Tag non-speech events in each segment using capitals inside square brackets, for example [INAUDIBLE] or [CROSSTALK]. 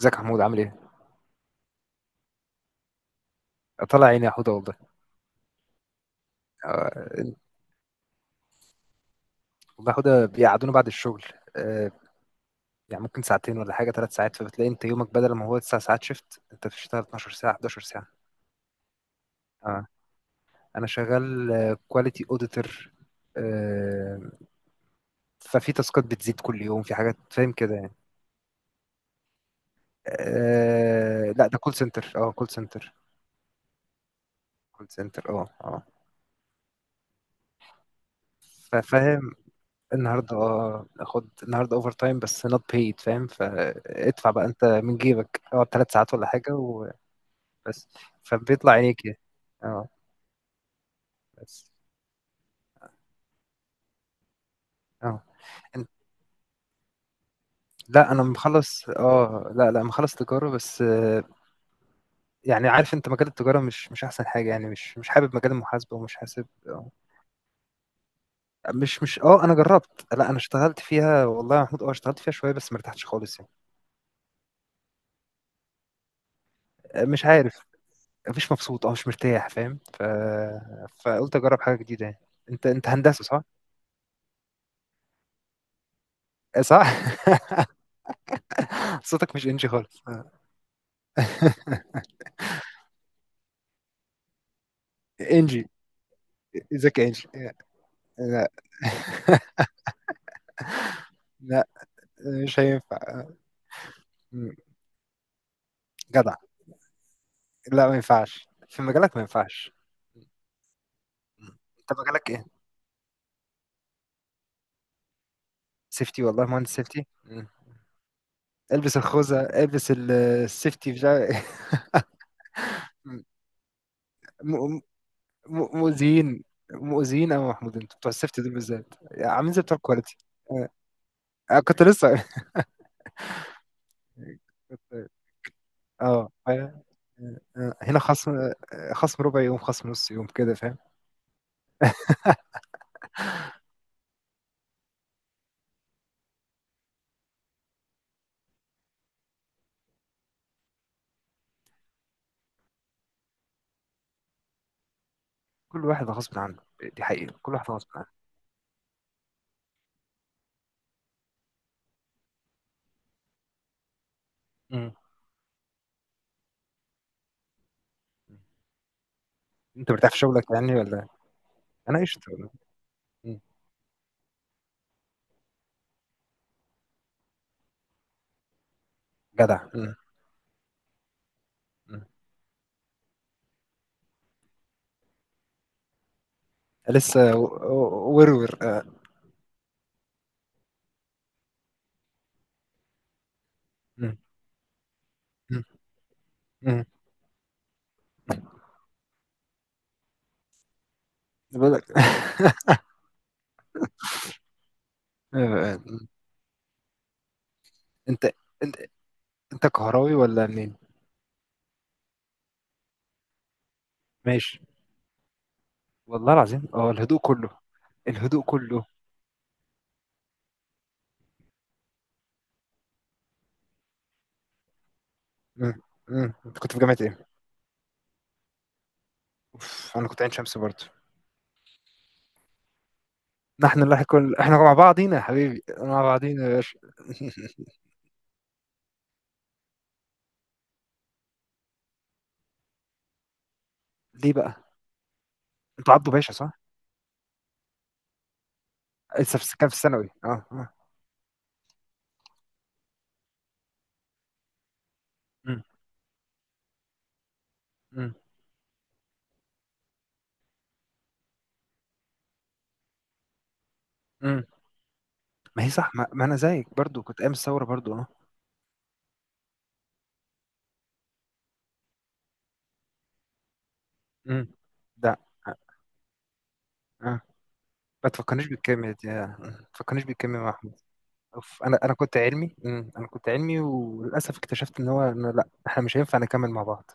ازيك يا محمود؟ عامل ايه؟ طلع عيني يا حوده والله. آه، والله يا حوده بيقعدونا بعد الشغل. آه، يعني ممكن ساعتين ولا حاجه، 3 ساعات. فبتلاقي انت يومك بدل ما هو 9 ساعات شيفت، انت بتشتغل 12 ساعة ساعه، 11 ساعة ساعه. اه انا شغال كواليتي اوديتور. ففي تاسكات بتزيد كل يوم، في حاجات، فاهم كده يعني. لا، ده كول سنتر، كول سنتر فاهم. النهارده اخد النهارده اوفر تايم بس not paid، فاهم؟ فادفع بقى انت من جيبك، اقعد 3 ساعات ولا حاجه و بس فبيطلع عينيك يعني. اه بس اه إن- لا، انا مخلص، اه لا لا مخلص تجاره بس. يعني عارف، انت مجال التجاره مش احسن حاجه يعني، مش حابب مجال المحاسبه، ومش حاسب. مش مش اه انا جربت، لا انا اشتغلت فيها، والله يا محمود، اشتغلت فيها شويه بس ما ارتحتش خالص يعني. مش عارف، مش مبسوط، مش مرتاح، فاهم؟ فقلت اجرب حاجه جديده يعني. انت هندسه صح؟ آه، صح؟ [LAUGHS] صوتك مش انجي خالص. [LAUGHS] انجي، ازيك يا انجي؟ آه، لا، مش هينفع. م- جدع، لا ما ينفعش في مجالك، ما ينفعش. م. انت مجالك ايه؟ سيفتي؟ والله مهندس سيفتي. البس الخوذة، البس ال-، السيفتي بتاع [LAUGHS] م- م- مؤذيين، مؤذيين أوي يا محمود، انتوا بتوع السيفتي دول بالذات عاملين زي بتوع الكواليتي. أنا كنت لسه [LAUGHS] كنت- اه آه، آه، هنا خصم. آه، خصم ربع يوم، خصم نص يوم كده، فاهم؟ كل واحد غصب عنه، دي حقيقة، كل واحد غصب عنه. م. انت مرتاح في شغلك يعني ولا؟ انا قشطة والله. جدع. مم. مم. لسه ورور. آه. مم. مم. مم. بقول لك [LAUGHS] آه. انت انت انت كهراوي ولا منين؟ ماشي. والله العظيم، اه، الهدوء كله، الهدوء كله. مم. مم. انت كنت في جامعة ايه؟ اوف، انا كنت عين شمس برضه. نحن اللي كل احنا مع بعضينا يا حبيبي، مع بعضينا يا باشا. [LAUGHS] ليه بقى؟ انتوا عبدو باشا صح؟ لسه في، كان في الثانوي، اه اه. مم. مم. مم. ما هي صح. ما انا زيك برضو، كنت ايام الثوره برضو. اه. مم. ده اه، ما تفكرنيش بالكيمياء دي. آه. ما تفكرنيش بالكيمياء يا احمد. اوف، انا كنت علمي. مم. انا كنت علمي، وللاسف اكتشفت ان هو إنه لا، احنا مش هينفع نكمل مع بعض.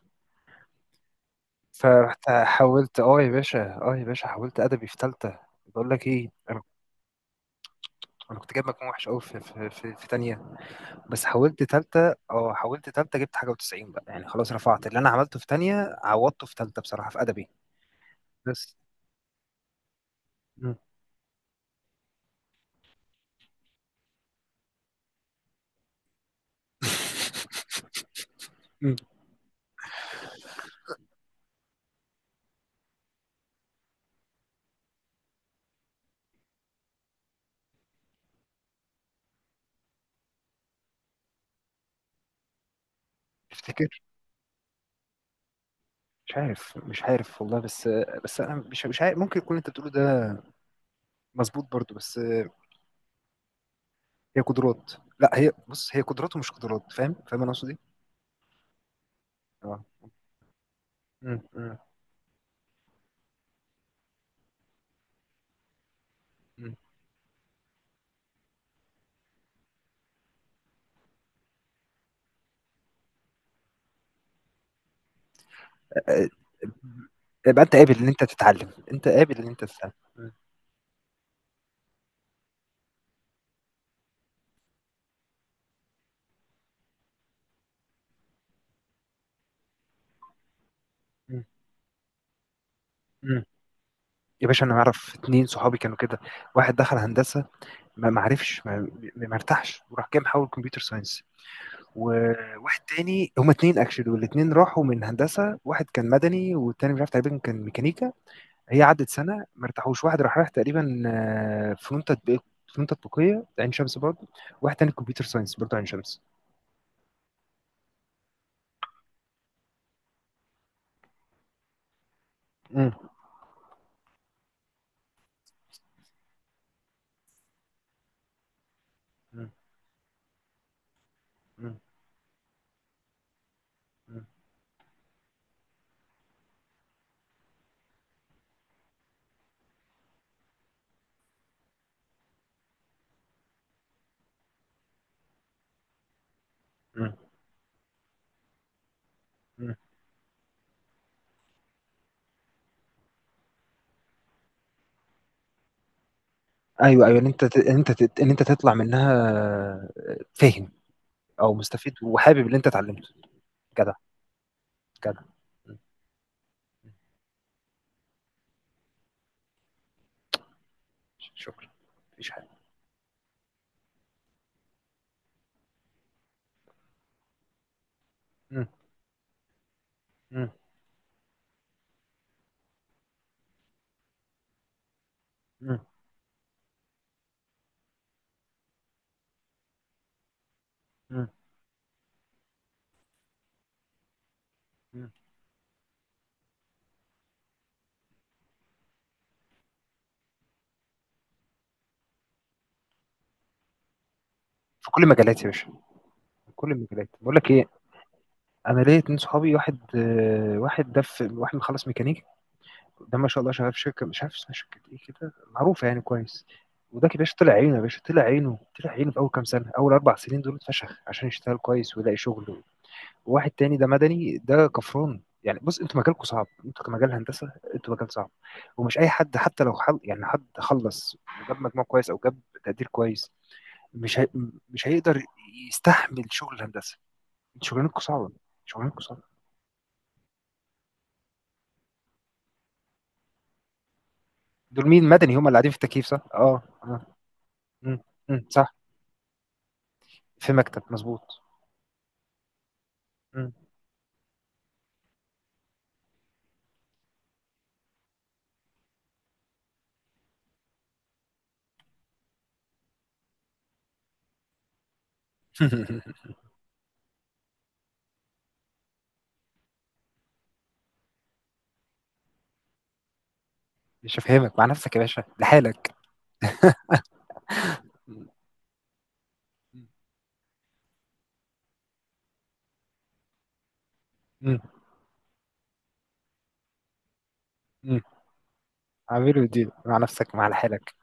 فرحت حاولت، اه يا باشا، اه يا باشا، حاولت ادبي في ثالثه. بقول لك ايه، انا كنت جايب مجموع وحش قوي في في تانية. بس حاولت ثالثه، حاولت ثالثه، جبت حاجه و90 بقى يعني. خلاص، رفعت اللي انا عملته في تانية، عوضته في ثالثه بصراحه في ادبي. بس. مم. [LAUGHS] مم. مش عارف، مش عارف والله. بس، بس انا مش عارف، ممكن يكون انت بتقوله ده مظبوط برضو. بس هي قدرات، لا هي، بص، هي قدرات ومش قدرات، فاهم؟ فاهم انا قصدي. اه. مم، مم، مم. آه، يبقى انت قابل ان انت تتعلم، انت قابل ان انت تتعلم. مم، مم، مم. يا باشا، انا اعرف اتنين صحابي كانوا كده. واحد دخل هندسه، ما ما عرفش، ما ارتاحش، وراح جاي محول كمبيوتر ساينس. وواحد تاني، هما اتنين اكشلي، والاتنين راحوا من هندسه. واحد كان مدني، والتاني مش عارف، تقريبا كان ميكانيكا. هي عدت سنه ما ارتاحوش. واحد راح رايح تقريبا آه، فنون تطبيق، فنون تطبيقيه عين شمس برضه. واحد تاني كمبيوتر ساينس برضه عين شمس. مم. مم. مم. مم. مم. مم. ايوه ايوه، ان انت تطلع منها. آه، فاهم. او مستفيد، وحابب اللي انت اتعلمته. جدع، جدع. مم. مم. شكرا. مفيش حاجه. مم. مم. مم. مم. مم. في كل المجالات يا باشا، في كل المجالات. بقول لك ايه، انا ليا اتنين صحابي. واحد ده، في واحد مخلص ميكانيكا. ده ما شاء الله شغال في شركه مش عارف اسمها، شركه ايه كده معروفه يعني كويس. وده كده باشا طلع عينه، يا باشا طلع عينه، طلع عينه في اول كام سنه، اول 4 سنين دول اتفشخ عشان يشتغل كويس ويلاقي شغل. وواحد تاني ده مدني، ده كفران يعني. بص، انتوا مجالكم صعب، انتوا كمجال هندسه، انتوا مجال صعب. ومش اي حد، حتى لو حل يعني حد خلص وجاب مجموع كويس، او جاب تقدير كويس، مش هي... مش هيقدر يستحمل شغل الهندسه. انتوا شغلانتكم صعبه، شغلانتكم صعبه. دول مين؟ مدني؟ هم اللي قاعدين في التكييف صح؟ اه اه. مم. مم. صح. في مكتب، مظبوط. مم. [LAUGHS] مش هفهمك، مع نفسك يا باشا لحالك. مم. مم. عامله دي مع نفسك، مع لحالك.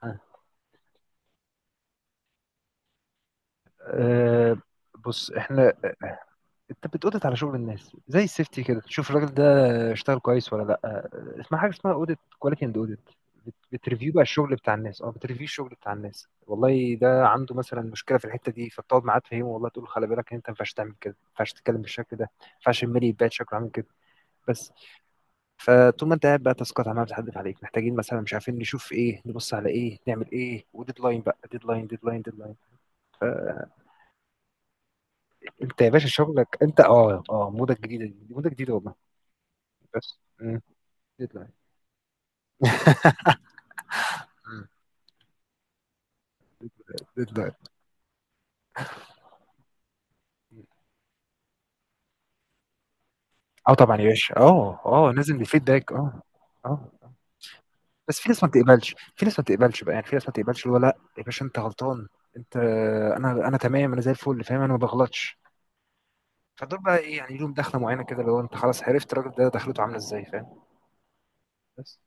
أه. بص، احنا، انت بتقودت على شغل الناس زي السيفتي كده، تشوف الراجل ده اشتغل كويس ولا لا. أه، اسمها حاجه اسمها اوديت، كواليتي اند اوديت. بتريفيو بقى الشغل بتاع الناس، بتريفيو الشغل بتاع الناس، والله ده عنده مثلا مشكله في الحته دي، فبتقعد معاه تفهمه، والله تقول له خلي بالك، انت ما ينفعش تعمل كده، ما ينفعش تتكلم بالشكل ده، ما ينفعش الميل يتباعد شكله عامل كده. بس. فطول ما انت قاعد بقى، تاسكات عماله بتحدف عليك، محتاجين مثلا، مش عارفين نشوف ايه، نبص على ايه، نعمل ايه، وديدلاين بقى، ديدلاين. انت يا باشا شغلك انت، موضه جديده، دي موضه جديده والله. بس. مم. ديدلاين. مم. ديدلاين. اه طبعا يا باشا، لازم الفيدباك. اه. اه. آه. بس في ناس ما بتقبلش، بقى يعني، في ناس ما بتقبلش، اللي هو لا يا باشا انت غلطان، انت انا تمام، انا زي الفل فاهم، انا ما بغلطش. فدول بقى ايه يعني، لهم دخله معينه كده، اللي هو انت خلاص عرفت الراجل ده دخلته عامله ازاي، فاهم؟ بس.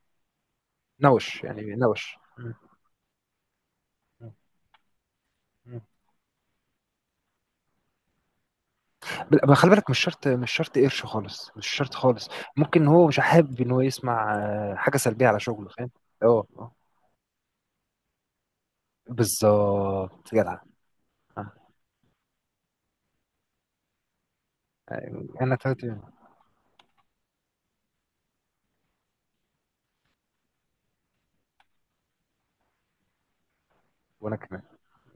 نوش يعني، نوش. مم. مم. مم. خلي بالك، مش شرط قرش خالص، مش شرط خالص. ممكن هو مش حابب ان هو يسمع آه، حاجه سلبيه على شغله، فاهم؟ اه آه. بالظبط، جدع. آه. انا تلاتة. وانا كمان،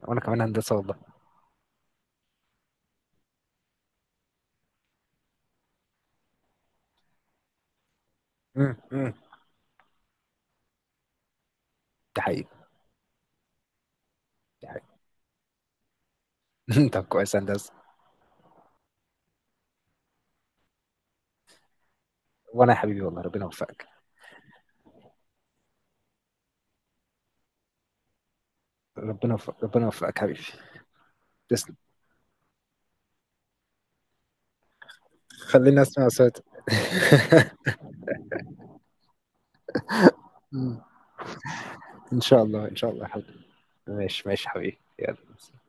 وانا كمان هندسه والله. امم. ده حقيقي، ده حقيقي. [LAUGHS] انت كويس يا هندسه. وانا يا حبيبي والله، ربنا يوفقك، ربنا يوفقك، ربنا يوفقك حبيبي. تسلم. خليني اسمع صوتك. مم. ان شاء الله، ان شاء الله يا حبيبي. ماشي ماشي يا حبيبي، يلا.